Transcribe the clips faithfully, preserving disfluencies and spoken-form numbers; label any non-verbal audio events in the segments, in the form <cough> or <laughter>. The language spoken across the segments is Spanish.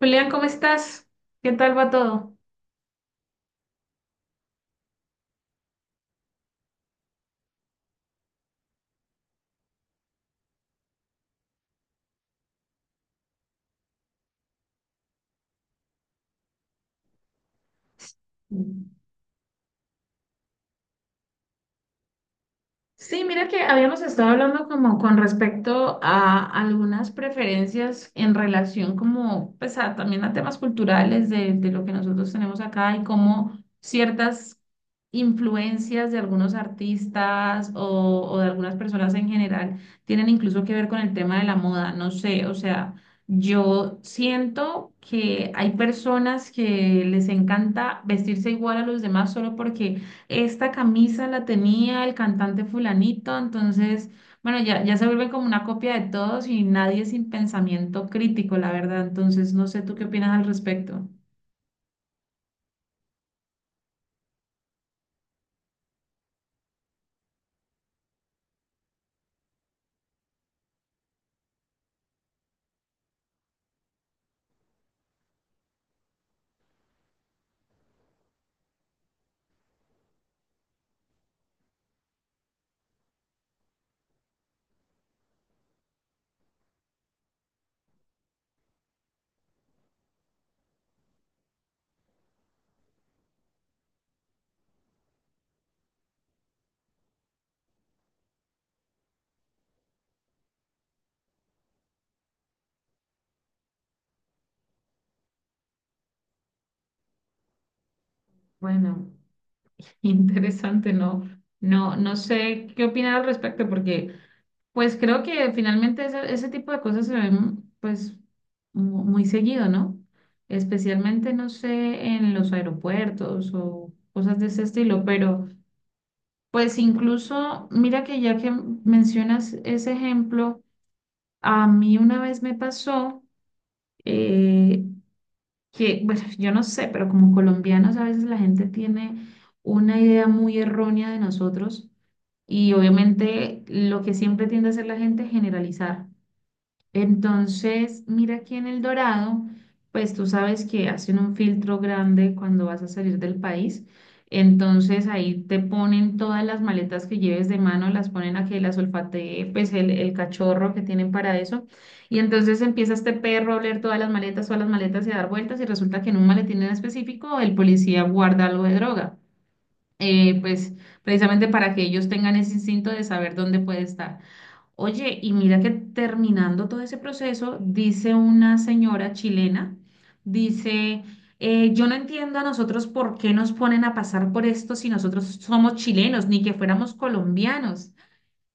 Julián, ¿cómo estás? ¿Qué tal va todo? Sí. Sí, mira que habíamos estado hablando como con respecto a algunas preferencias en relación como pues a- también a temas culturales de, de lo que nosotros tenemos acá y cómo ciertas influencias de algunos artistas o, o de algunas personas en general tienen incluso que ver con el tema de la moda. No sé, o sea, yo siento que hay personas que les encanta vestirse igual a los demás solo porque esta camisa la tenía el cantante fulanito, entonces, bueno, ya, ya se vuelve como una copia de todos y nadie sin pensamiento crítico, la verdad. Entonces, no sé tú qué opinas al respecto. Bueno, interesante, no, no, no sé qué opinar al respecto, porque pues creo que finalmente ese, ese tipo de cosas se ven pues mu- muy seguido, ¿no? Especialmente, no sé, en los aeropuertos o cosas de ese estilo, pero pues incluso, mira que ya que mencionas ese ejemplo, a mí una vez me pasó eh, que, bueno, <laughs> yo no sé, pero como colombianos a veces la gente tiene una idea muy errónea de nosotros y obviamente lo que siempre tiende a hacer la gente es generalizar. Entonces, mira aquí en El Dorado, pues tú sabes que hacen un filtro grande cuando vas a salir del país. Entonces ahí te ponen todas las maletas que lleves de mano, las ponen a que las olfatee, pues el, el cachorro que tienen para eso. Y entonces empieza este perro a oler todas las maletas, todas las maletas y a dar vueltas y resulta que en un maletín en específico el policía guarda algo de droga, eh, pues precisamente para que ellos tengan ese instinto de saber dónde puede estar. Oye, y mira que terminando todo ese proceso, dice una señora chilena, dice, eh, yo no entiendo a nosotros por qué nos ponen a pasar por esto si nosotros somos chilenos, ni que fuéramos colombianos.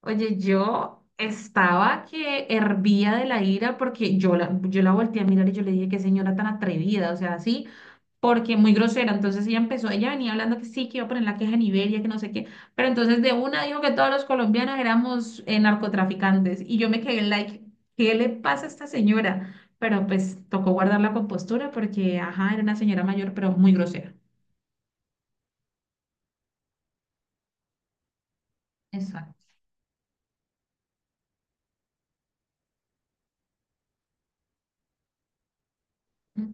Oye, yo estaba que hervía de la ira porque yo la, yo la volteé a mirar y yo le dije, qué señora tan atrevida, o sea, así porque muy grosera. Entonces ella empezó, ella venía hablando que sí, que iba a poner la queja en Iberia, que no sé qué, pero entonces de una dijo que todos los colombianos éramos eh, narcotraficantes y yo me quedé like, ¿qué le pasa a esta señora? Pero pues tocó guardar la compostura porque, ajá, era una señora mayor, pero muy grosera. Exacto. Ujú.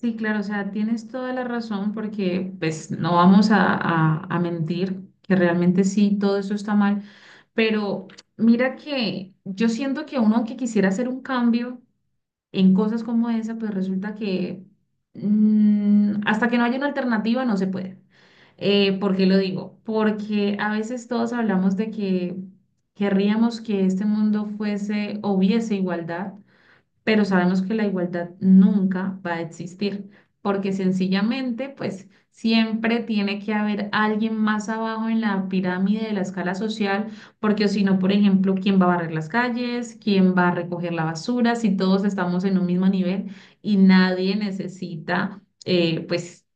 Sí, claro, o sea, tienes toda la razón porque pues no vamos a, a- a mentir, que realmente sí, todo eso está mal, pero mira que yo siento que uno aunque quisiera hacer un cambio, en cosas como esa, pues resulta que mm, hasta que no haya una alternativa no se puede. Eh, ¿por qué lo digo? Porque a veces todos hablamos de que querríamos que este mundo fuese o hubiese igualdad, pero sabemos que la igualdad nunca va a existir, porque sencillamente, pues siempre tiene que haber alguien más abajo en la pirámide de la escala social, porque si no, por ejemplo, ¿quién va a barrer las calles? ¿Quién va a recoger la basura? Si todos estamos en un mismo nivel y nadie necesita, eh, pues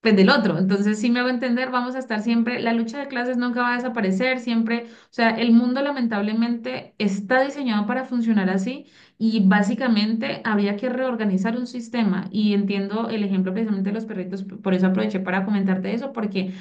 pues del otro. Entonces, sí me hago entender, vamos a estar siempre, la lucha de clases nunca va a desaparecer, siempre, o sea, el mundo lamentablemente está diseñado para funcionar así y básicamente habría que reorganizar un sistema y entiendo el ejemplo precisamente de los perritos, p- por eso aproveché para comentarte eso, porque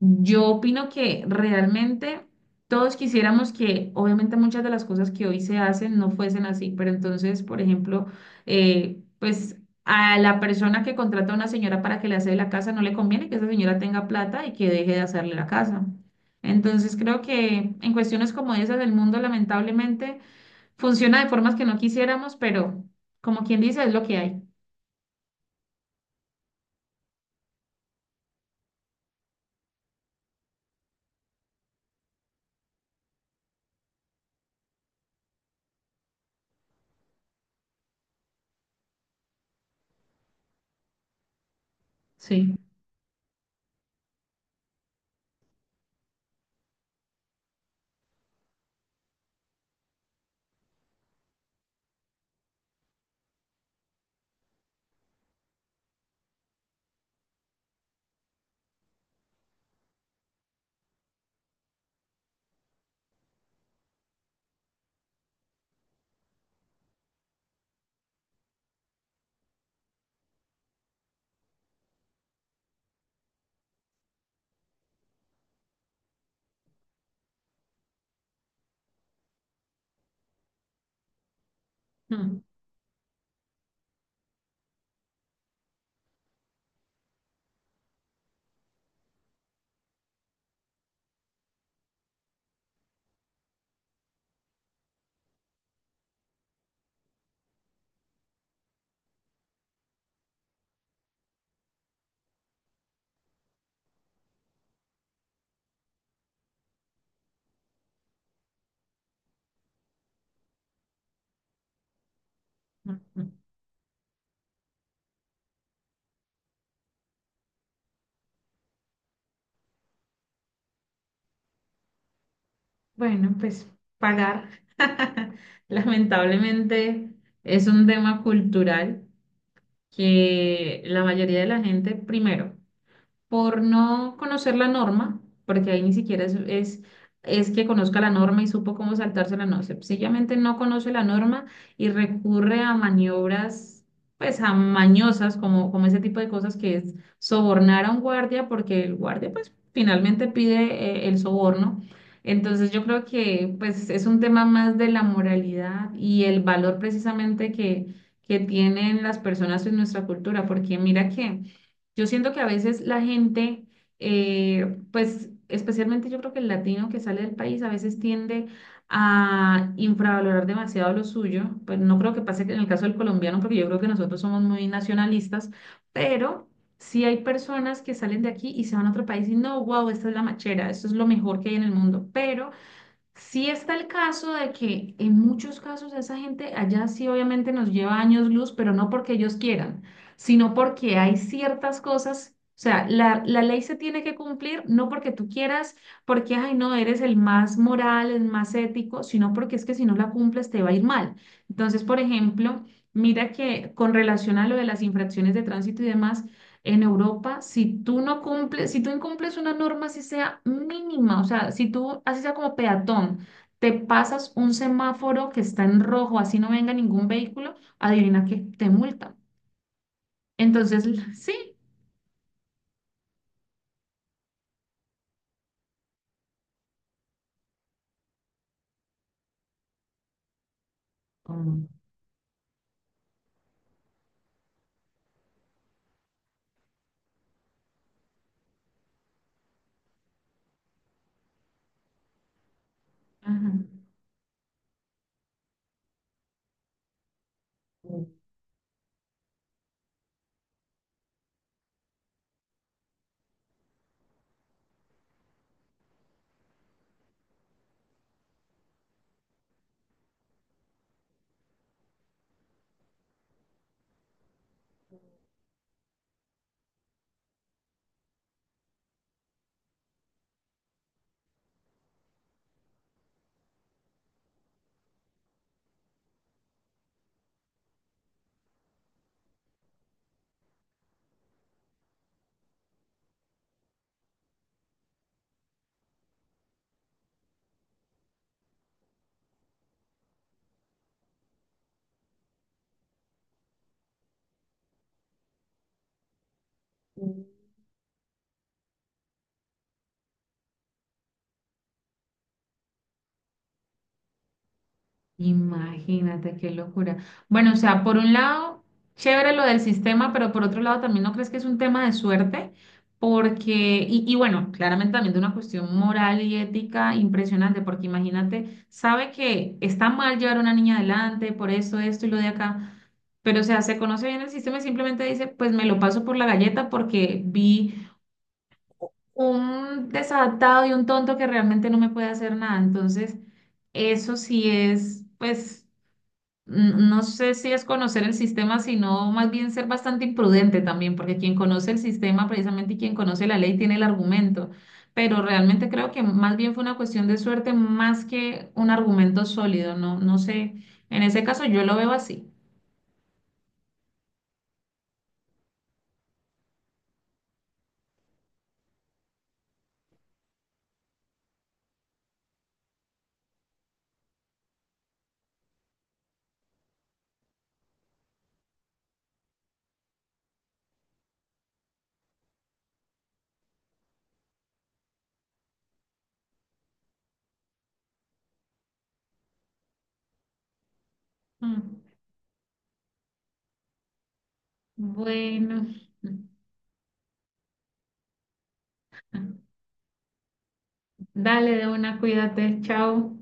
yo opino que realmente todos quisiéramos que, obviamente, muchas de las cosas que hoy se hacen no fuesen así, pero entonces, por ejemplo, eh, pues a la persona que contrata a una señora para que le hace la casa, no le conviene que esa señora tenga plata y que deje de hacerle la casa. Entonces, creo que en cuestiones como esas del mundo, lamentablemente, funciona de formas que no quisiéramos, pero como quien dice, es lo que hay. Sí. Mm. Mm, mm. Bueno, pues pagar. <laughs> Lamentablemente es un tema cultural que la mayoría de la gente, primero, por no conocer la norma, porque ahí ni siquiera es, es, es que conozca la norma y supo cómo saltársela, no, sencillamente no conoce la norma y recurre a maniobras, pues a mañosas, como, como ese tipo de cosas que es sobornar a un guardia, porque el guardia pues finalmente pide eh, el soborno. Entonces yo creo que pues es un tema más de la moralidad y el valor precisamente que, que tienen las personas en nuestra cultura, porque mira que... Yo siento que a veces la gente, eh, pues especialmente yo creo que el latino que sale del país a veces tiende a infravalorar demasiado lo suyo. Pues no creo que pase que en el caso del colombiano, porque yo creo que nosotros somos muy nacionalistas, pero sí hay personas que salen de aquí y se van a otro país y no, wow, esta es la machera, esto es lo mejor que hay en el mundo, pero sí está el caso de que en muchos casos esa gente allá sí obviamente nos lleva años luz, pero no porque ellos quieran, sino porque hay ciertas cosas, o sea, la, la ley se tiene que cumplir no porque tú quieras, porque, ay, no, eres el más moral, el más ético, sino porque es que si no la cumples te va a ir mal. Entonces, por ejemplo, mira que con relación a lo de las infracciones de tránsito y demás, en Europa, si tú no cumples, si tú incumples una norma, así sea mínima, o sea, si tú, así sea como peatón, te pasas un semáforo que está en rojo, así no venga ningún vehículo, adivina que te multan. Entonces, <laughs> sí. Mm. Ajá. Imagínate qué locura. Bueno, o sea, por un lado, chévere lo del sistema, pero por otro lado también no crees que es un tema de suerte, porque, y, y bueno, claramente también de una cuestión moral y ética impresionante, porque imagínate, sabe que está mal llevar a una niña adelante, por eso esto y lo de acá, pero o sea, se conoce bien el sistema y simplemente dice, pues me lo paso por la galleta porque vi un desadaptado y un tonto que realmente no me puede hacer nada. Entonces, eso sí es, pues n- no sé si es conocer el sistema, sino más bien ser bastante imprudente también, porque quien conoce el sistema, precisamente y quien conoce la ley, tiene el argumento. Pero realmente creo que más bien fue una cuestión de suerte más que un argumento sólido. No, no sé. En ese caso yo lo veo así. Mm, bueno, <laughs> dale de una, cuídate, chao.